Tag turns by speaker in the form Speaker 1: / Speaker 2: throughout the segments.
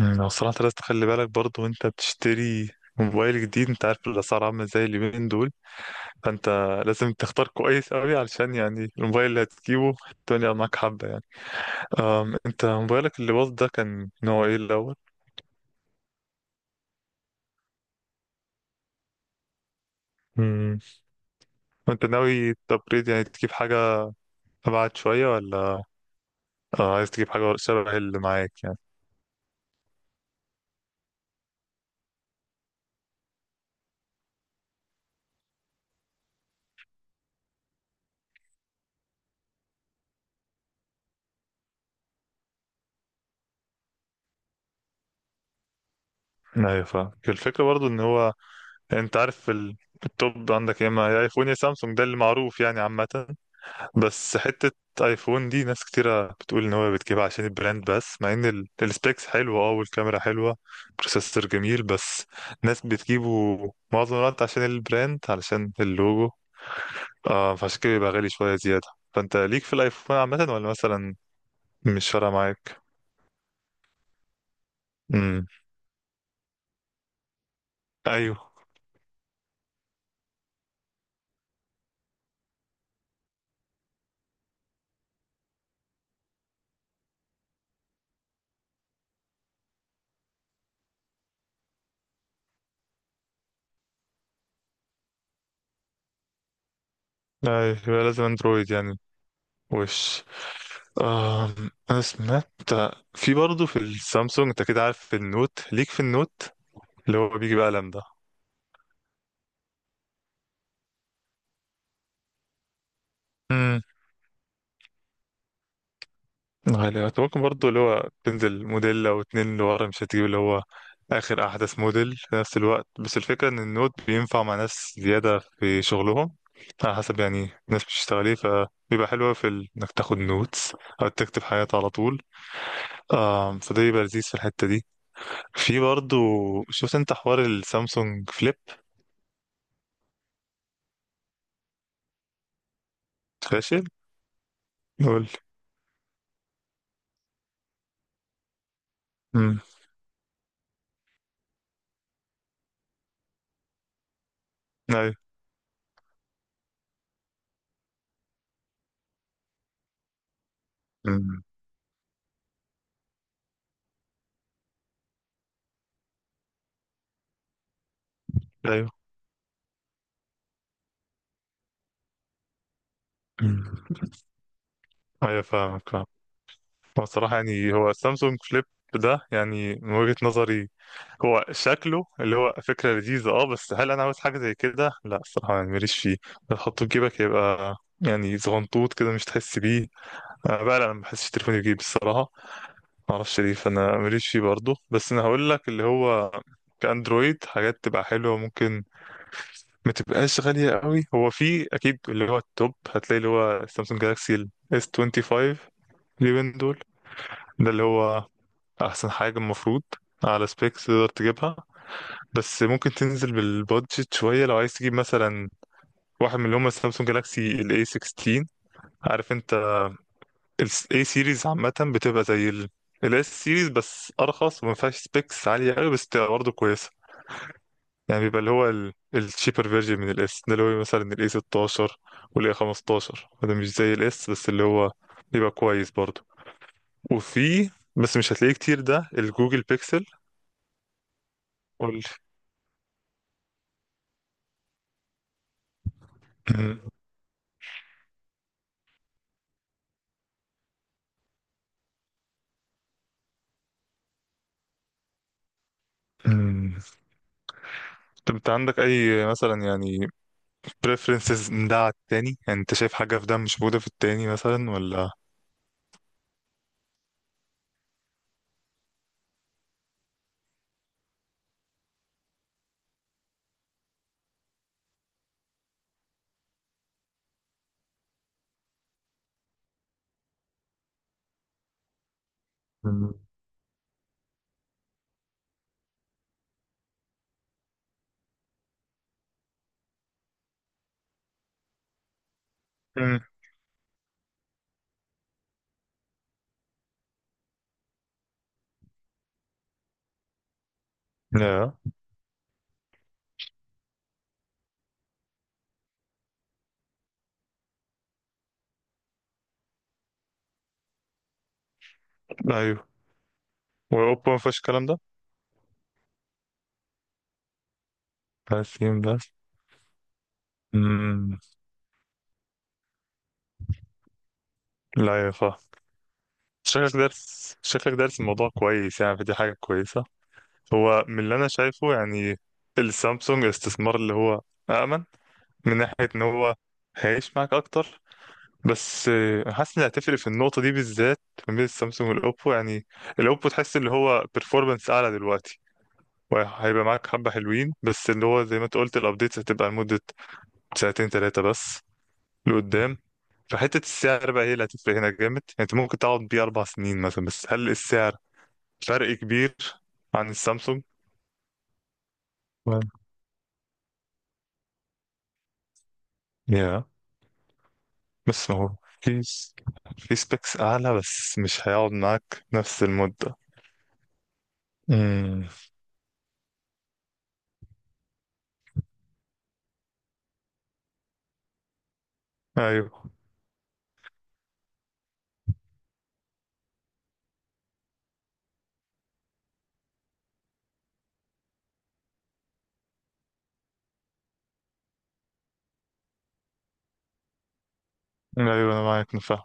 Speaker 1: أنا صراحة لازم تخلي بالك برضو وانت بتشتري موبايل جديد. انت عارف الاسعار عاملة ازاي اليومين دول، فانت لازم تختار كويس قوي، علشان يعني الموبايل اللي هتجيبه الدنيا معاك حبة يعني. انت موبايلك اللي باظ ده كان نوع ايه الاول؟ مم. وانت ناوي تبريد يعني تجيب حاجة أبعد شوية، ولا عايز تجيب حاجة شبه اللي معاك يعني؟ أيوة، فاهم الفكرة. برضو إن هو أنت عارف التوب عندك يا إما يا أيفون يا سامسونج، ده اللي معروف يعني عامة. بس حتة ايفون دي ناس كتيرة بتقول ان هو بتجيبها عشان البراند، بس مع ان السبيكس حلوة، اه، والكاميرا حلوة، بروسيسور جميل، بس ناس بتجيبه معظم الوقت عشان البراند، علشان اللوجو. آه، فعشان كده بيبقى غالي شوية زيادة. فانت ليك في الايفون عامة، ولا مثلا مش فارقة معاك؟ امم، ايوه. ايوه، يبقى لازم اندرويد يعني. وش آه انا سمعت في برضه في السامسونج، انت كده عارف النوت، ليك في النوت اللي هو بيجي بقلم ده؟ غالي. أنت ممكن برضه اللي هو تنزل موديل أو اتنين لورا، مش هتجيب اللي هو آخر أحدث موديل في نفس الوقت، بس الفكرة إن النوت بينفع مع ناس زيادة في شغلهم، على حسب يعني الناس بتشتغل إيه. فبيبقى حلو أوي في إنك تاخد نوتس أو تكتب حاجات على طول. فده بيبقى لذيذ في الحتة دي. في برضه، شفت أنت حوار السامسونج فليب؟ فاشل؟ قول. أمم، أيوه. مم. أيوه. أمم. أيوه، فاهمك فاهمك. هو الصراحة يعني هو السامسونج فليب ده، يعني من وجهة نظري، هو شكله اللي هو فكرة لذيذة، اه، بس هل أنا عاوز حاجة زي كده؟ لا الصراحة، يعني ماليش فيه. تحطه في جيبك يبقى يعني زغنطوط كده، مش تحس بيه. أنا بقى لا، انا ما بحسش تليفوني بجيب الصراحة، معرفش ليه. فأنا ماليش فيه برضه. بس أنا هقول لك اللي هو كأندرويد، حاجات تبقى حلوة ممكن ما تبقاش غالية قوي. هو في أكيد اللي هو التوب، هتلاقي اللي هو سامسونج جالاكسي S25 اليومين دول، ده اللي هو احسن حاجة المفروض على سبيكس تقدر تجيبها. بس ممكن تنزل بالبادجت شوية، لو عايز تجيب مثلا واحد من اللي هم السامسونج جالاكسي ال A16. عارف انت ال A series عامة بتبقى زي ال S series بس ارخص، وما فيهاش سبيكس عالية قوي، بس بتبقى برضه كويسة. يعني بيبقى اللي هو الشيبر فيرجن من ال S، ده اللي هو مثلا ال A16 وال A15. ده مش زي ال S، بس اللي هو بيبقى كويس برضه. وفي، بس مش هتلاقيه كتير، ده الجوجل بيكسل. قول. طب انت عندك اي مثلا يعني preferences من ده على التاني؟ يعني انت شايف حاجة في ده مش موجودة في التاني مثلا، ولا؟ مم. امم. لا. ايوه. واوبا ما فيهاش الكلام ده؟ تقسيم ده. امم. لا يا فا شكلك دارس، شكلك دارس الموضوع كويس، يعني فدي حاجة كويسة. هو من اللي انا شايفه يعني السامسونج استثمار اللي هو أأمن، من ناحية ان هو هيعيش معاك اكتر. بس حاسس ان هتفرق في النقطه دي بالذات ما بين السامسونج والاوبو، يعني الاوبو تحس اللي هو performance اعلى دلوقتي، وهيبقى معاك حبه حلوين. بس اللي هو زي ما انت قلت، الابديتس هتبقى لمده ساعتين ثلاثه بس لقدام. فحته السعر بقى هي اللي هتفرق هنا جامد، يعني انت ممكن تقعد بيه اربع سنين مثلا. بس هل السعر فرق كبير عن السامسونج و- يا بس ما هو في في سبيكس اعلى، بس مش هيقعد معاك نفس المده. امم. ايوه. ايوه، انا معاك، أنا فاهم.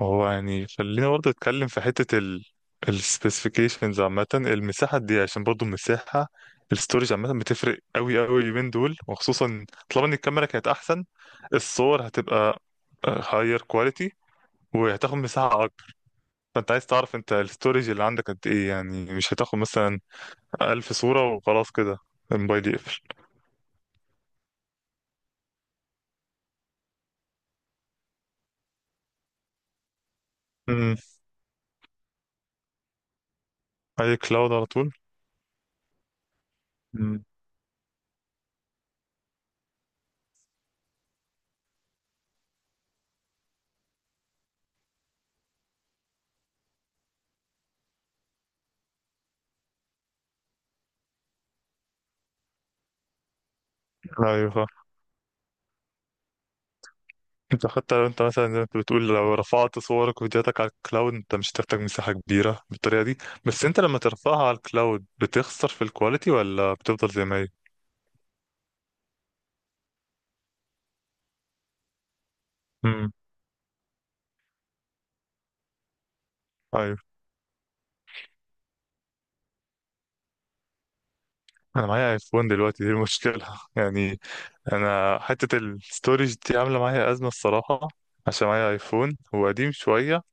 Speaker 1: هو يعني خلينا برضه نتكلم في حتة السبيسيفيكيشنز عامة، المساحة دي، عشان برضه المساحة، الستورج عامة بتفرق قوي قوي اليومين دول، وخصوصا طالما ان الكاميرا كانت احسن، الصور هتبقى هاير كواليتي وهتاخد مساحة اكبر. فانت عايز تعرف انت الستورج اللي عندك قد ايه، يعني مش هتاخد مثلا 1000 صورة وخلاص كده الموبايل يقفل. امم. اي كلاود على طول. امم، ايوه. انت حتى لو انت مثلا زي ما انت بتقول، لو رفعت صورك وفيديوهاتك على الكلاود، انت مش هتحتاج مساحة كبيرة بالطريقة دي. بس انت لما ترفعها على الكلاود، بتخسر في الكواليتي ولا بتفضل زي ما هي؟ امم. ايوه. انا معايا ايفون دلوقتي، دي المشكلة يعني. انا حتة الستورج دي عاملة معايا أزمة الصراحة، عشان معايا ايفون هو قديم شوية.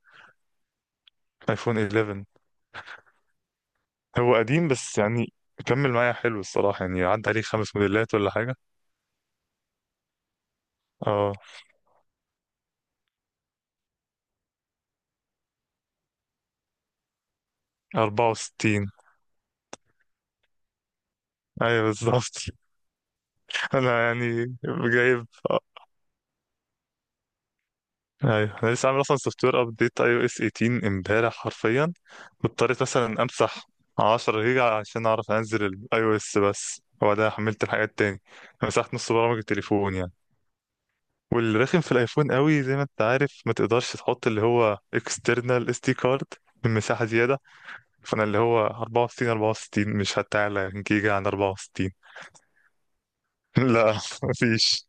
Speaker 1: ايفون 11. هو قديم، بس يعني كمل معايا حلو الصراحة، يعني عدى عليه خمس موديلات ولا حاجة. اه. 64. ايوه بالظبط. انا يعني جايب ايوه، انا لسه عامل اصلا سوفت وير ابديت اي او اس 18 امبارح حرفيا، واضطريت مثلا امسح 10 جيجا عشان اعرف انزل الاي او اس بس، وبعدها حملت الحاجات تاني. مسحت نص برامج التليفون يعني. والرخم في الايفون قوي، زي ما انت عارف ما تقدرش تحط اللي هو اكسترنال اس دي كارد من مساحه زياده. فانا اللي هو 64، مش هتعلى جيجا عن 64 لا، مفيش.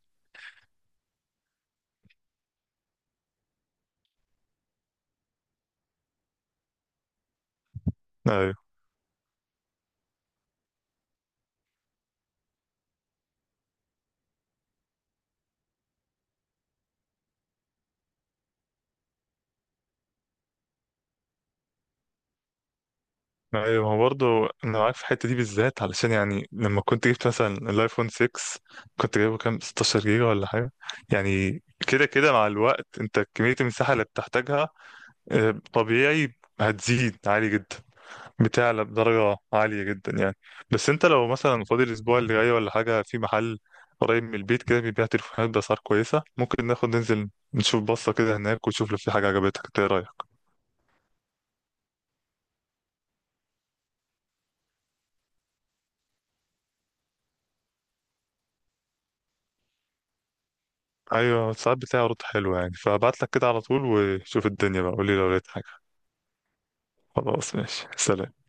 Speaker 1: ايوه، ما هو برضه انا معاك في الحته دي بالذات، علشان يعني لما كنت جبت مثلا الايفون 6، كنت جايبه كام، 16 جيجا ولا حاجه. يعني كده كده مع الوقت انت كميه المساحه اللي بتحتاجها، طبيعي هتزيد عالي جدا، بتعلى بدرجه عاليه جدا يعني. بس انت لو مثلا فاضي الاسبوع اللي جاي ولا حاجه، في محل قريب من البيت كده بيبيع تليفونات باسعار كويسه، ممكن ناخد ننزل نشوف بصه كده هناك، ونشوف لو في حاجه عجبتك. إنت ايه رايك؟ ايوه، ساعات بتاعي رد حلو يعني، فابعت لك كده على طول وشوف الدنيا بقى، قولي لو لقيت حاجة. خلاص، ماشي، سلام.